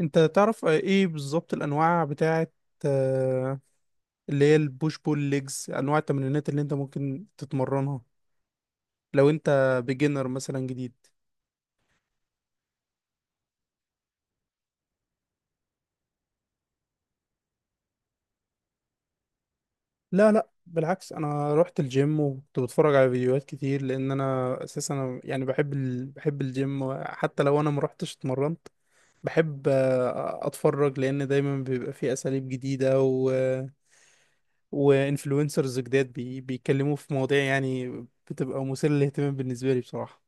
انت تعرف ايه بالظبط الانواع بتاعت آه، اللي هي البوش بول ليجز، انواع التمرينات اللي انت ممكن تتمرنها لو انت بيجنر مثلا جديد؟ لا لا، بالعكس، انا رحت الجيم وكنت بتفرج على فيديوهات كتير، لان انا اساسا يعني بحب بحب الجيم حتى لو انا ما رحتش اتمرنت. بحب اتفرج، لان دايما بيبقى فيه اساليب جديدة وانفلونسرز جداد بيتكلموا في مواضيع يعني بتبقى مثيرة للاهتمام بالنسبة لي بصراحة.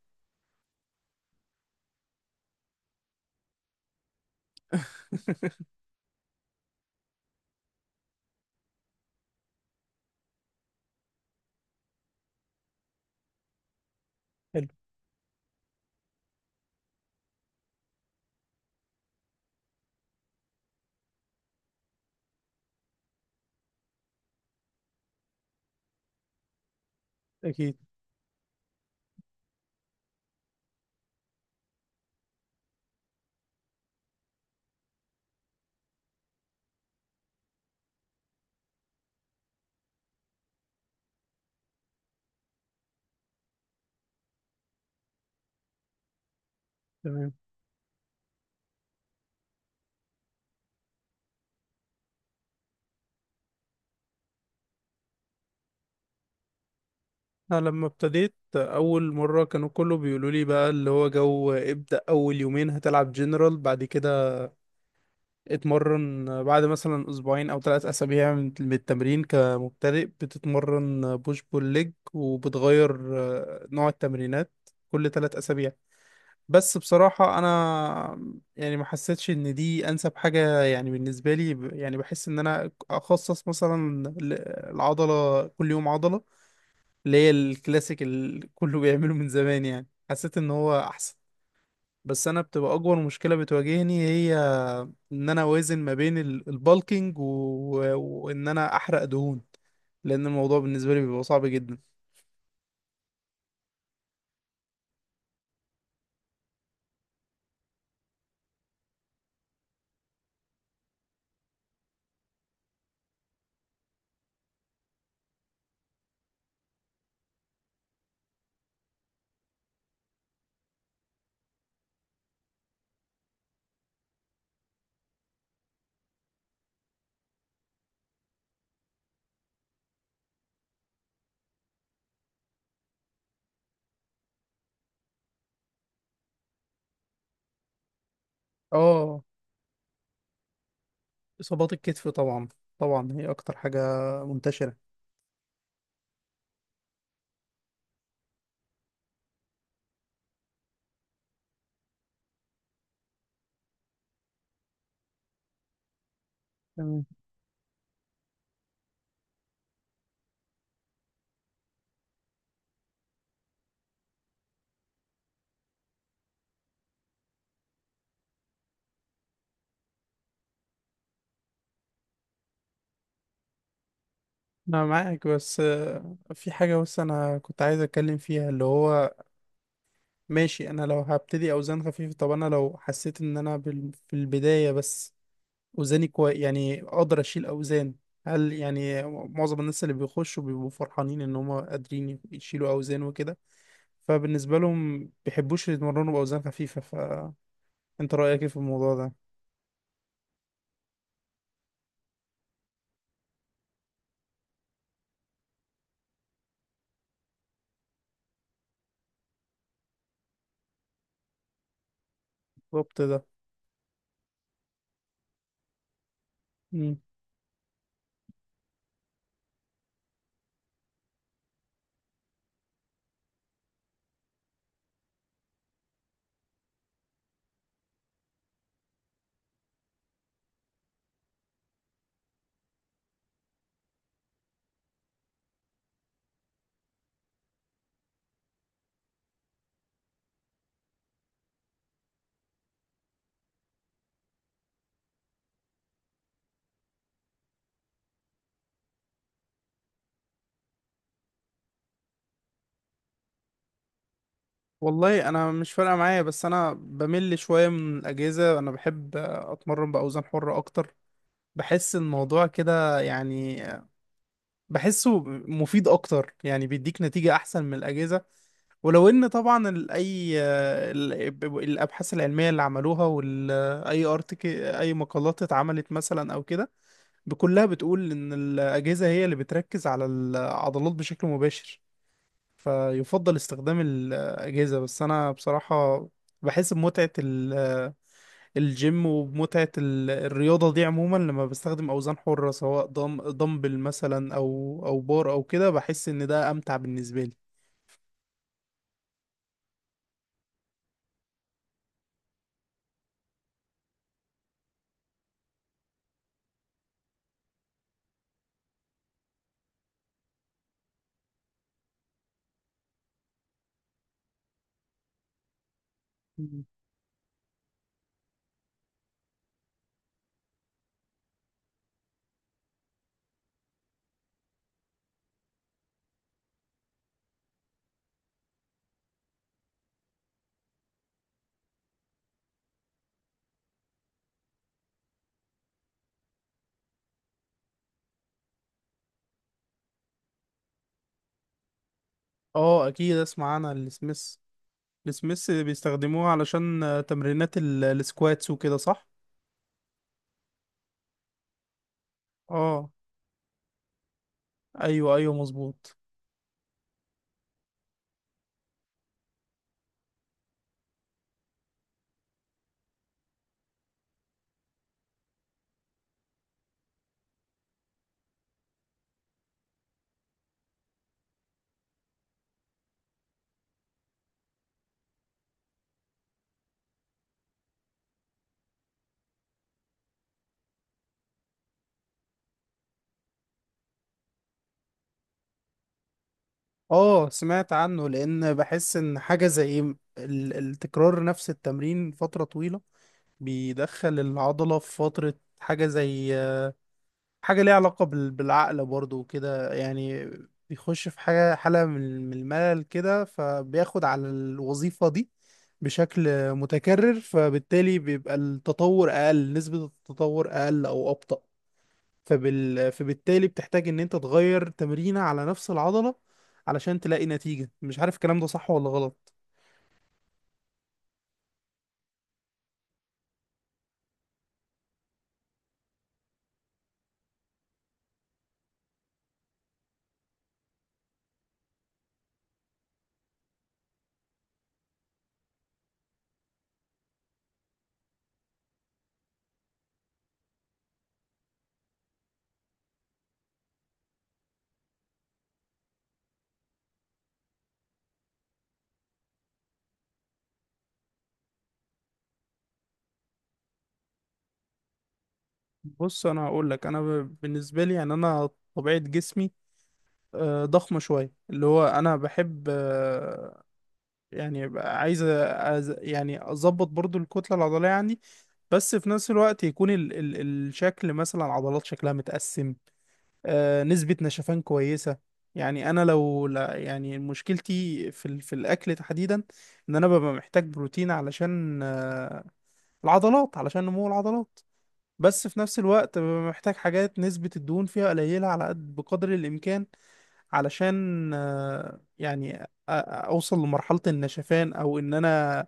أكيد. تمام. أنا لما ابتديت أول مرة كانوا كله بيقولوا لي بقى اللي هو جو، ابدأ أول يومين هتلعب جنرال، بعد كده اتمرن بعد مثلا أسبوعين أو ثلاث أسابيع من التمرين كمبتدئ بتتمرن بوش بول ليج، وبتغير نوع التمرينات كل ثلاث أسابيع. بس بصراحة أنا يعني ما حسيتش إن دي أنسب حاجة يعني بالنسبة لي، يعني بحس إن أنا أخصص مثلا العضلة، كل يوم عضلة، اللي هي الكلاسيك اللي كله بيعمله من زمان، يعني حسيت ان هو احسن. بس انا بتبقى اكبر مشكلة بتواجهني هي ان انا اوازن ما بين البالكينج وان انا احرق دهون، لان الموضوع بالنسبة لي بيبقى صعب جدا. اه، اصابات الكتف طبعا. طبعا هي اكتر حاجة منتشرة. تمام. انا معاك، بس في حاجة بس انا كنت عايز اتكلم فيها اللي هو، ماشي، انا لو هبتدي اوزان خفيفة، طب انا لو حسيت ان انا في البداية بس وزني كويس يعني اقدر اشيل اوزان، هل يعني معظم الناس اللي بيخشوا بيبقوا فرحانين ان هم قادرين يشيلوا اوزان وكده، فبالنسبه لهم بيحبوش يتمرنوا باوزان خفيفه، فانت رايك ايه في الموضوع ده؟ بالظبط ده. مم. والله انا مش فارقه معايا، بس انا بمل شويه من الاجهزه، انا بحب اتمرن باوزان حره اكتر. بحس الموضوع كده يعني، بحسه مفيد اكتر، يعني بيديك نتيجة احسن من الاجهزة. ولو ان طبعا الابحاث العلميه اللي عملوها واي ارتك اي مقالات اتعملت مثلا او كده، بكلها بتقول ان الاجهزه هي اللي بتركز على العضلات بشكل مباشر، فيفضل استخدام الاجهزه. بس انا بصراحه بحس بمتعه الجيم ومتعة الرياضة دي عموما لما بستخدم أوزان حرة، سواء دمبل مثلا أو بار أو كده، بحس إن ده أمتع بالنسبة لي. مم. اه، اكيد اسمع عنها السميث. السميث بيستخدموها علشان تمرينات السكواتس وكده، صح؟ اه، ايوه ايوه، مظبوط. اه، سمعت عنه، لان بحس ان حاجه زي التكرار نفس التمرين فتره طويله بيدخل العضله في فتره، حاجه زي حاجة ليها علاقة بالعقل برضو وكده، يعني بيخش في حاجة، حالة من الملل كده، فبياخد على الوظيفة دي بشكل متكرر، فبالتالي بيبقى التطور أقل، نسبة التطور أقل أو أبطأ، فبالتالي بتحتاج إن أنت تغير تمرينة على نفس العضلة علشان تلاقي نتيجة. مش عارف الكلام ده صح ولا غلط؟ بص، أنا هقول لك، أنا بالنسبة لي يعني، أنا طبيعة جسمي ضخمة شوية، اللي هو أنا بحب يعني بقى، عايز يعني اظبط برضو الكتله العضليه عندي، بس في نفس الوقت يكون الشكل مثلا العضلات شكلها متقسم، نسبه نشفان كويسه. يعني انا لو لا، يعني مشكلتي في الاكل تحديدا، ان انا ببقى محتاج بروتين علشان العضلات، علشان نمو العضلات، بس في نفس الوقت ببقى محتاج حاجات نسبه الدهون فيها قليله على قد بقدر الامكان، علشان يعني اوصل لمرحله النشفان، او ان انا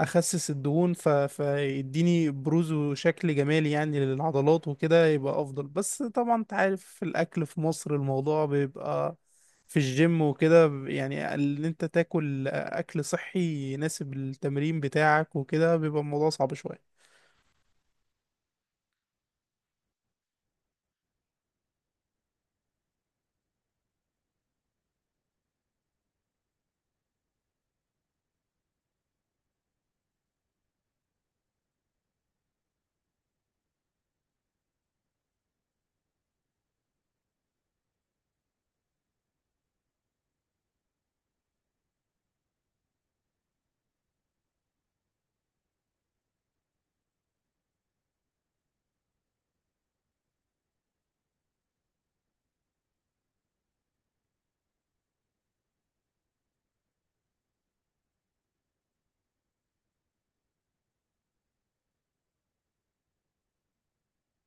اخسس الدهون فيديني بروز وشكل جمالي يعني للعضلات وكده يبقى افضل. بس طبعا انت عارف في الاكل في مصر الموضوع بيبقى في الجيم وكده يعني ان انت تاكل اكل صحي يناسب التمرين بتاعك وكده، بيبقى الموضوع صعب شوية.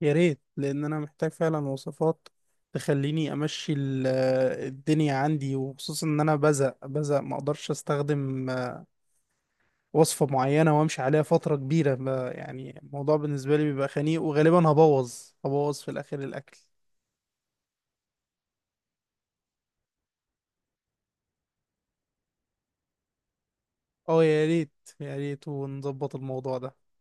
يا ريت، لان انا محتاج فعلا وصفات تخليني امشي الدنيا عندي، وخصوصا ان انا بزق بزق ما اقدرش استخدم وصفة معينة وامشي عليها فترة كبيرة، يعني الموضوع بالنسبة لي بيبقى خنيق وغالبا هبوظ، هبوظ في الاخر الاكل. اه، يا ريت. يا ريت، ونظبط الموضوع ده.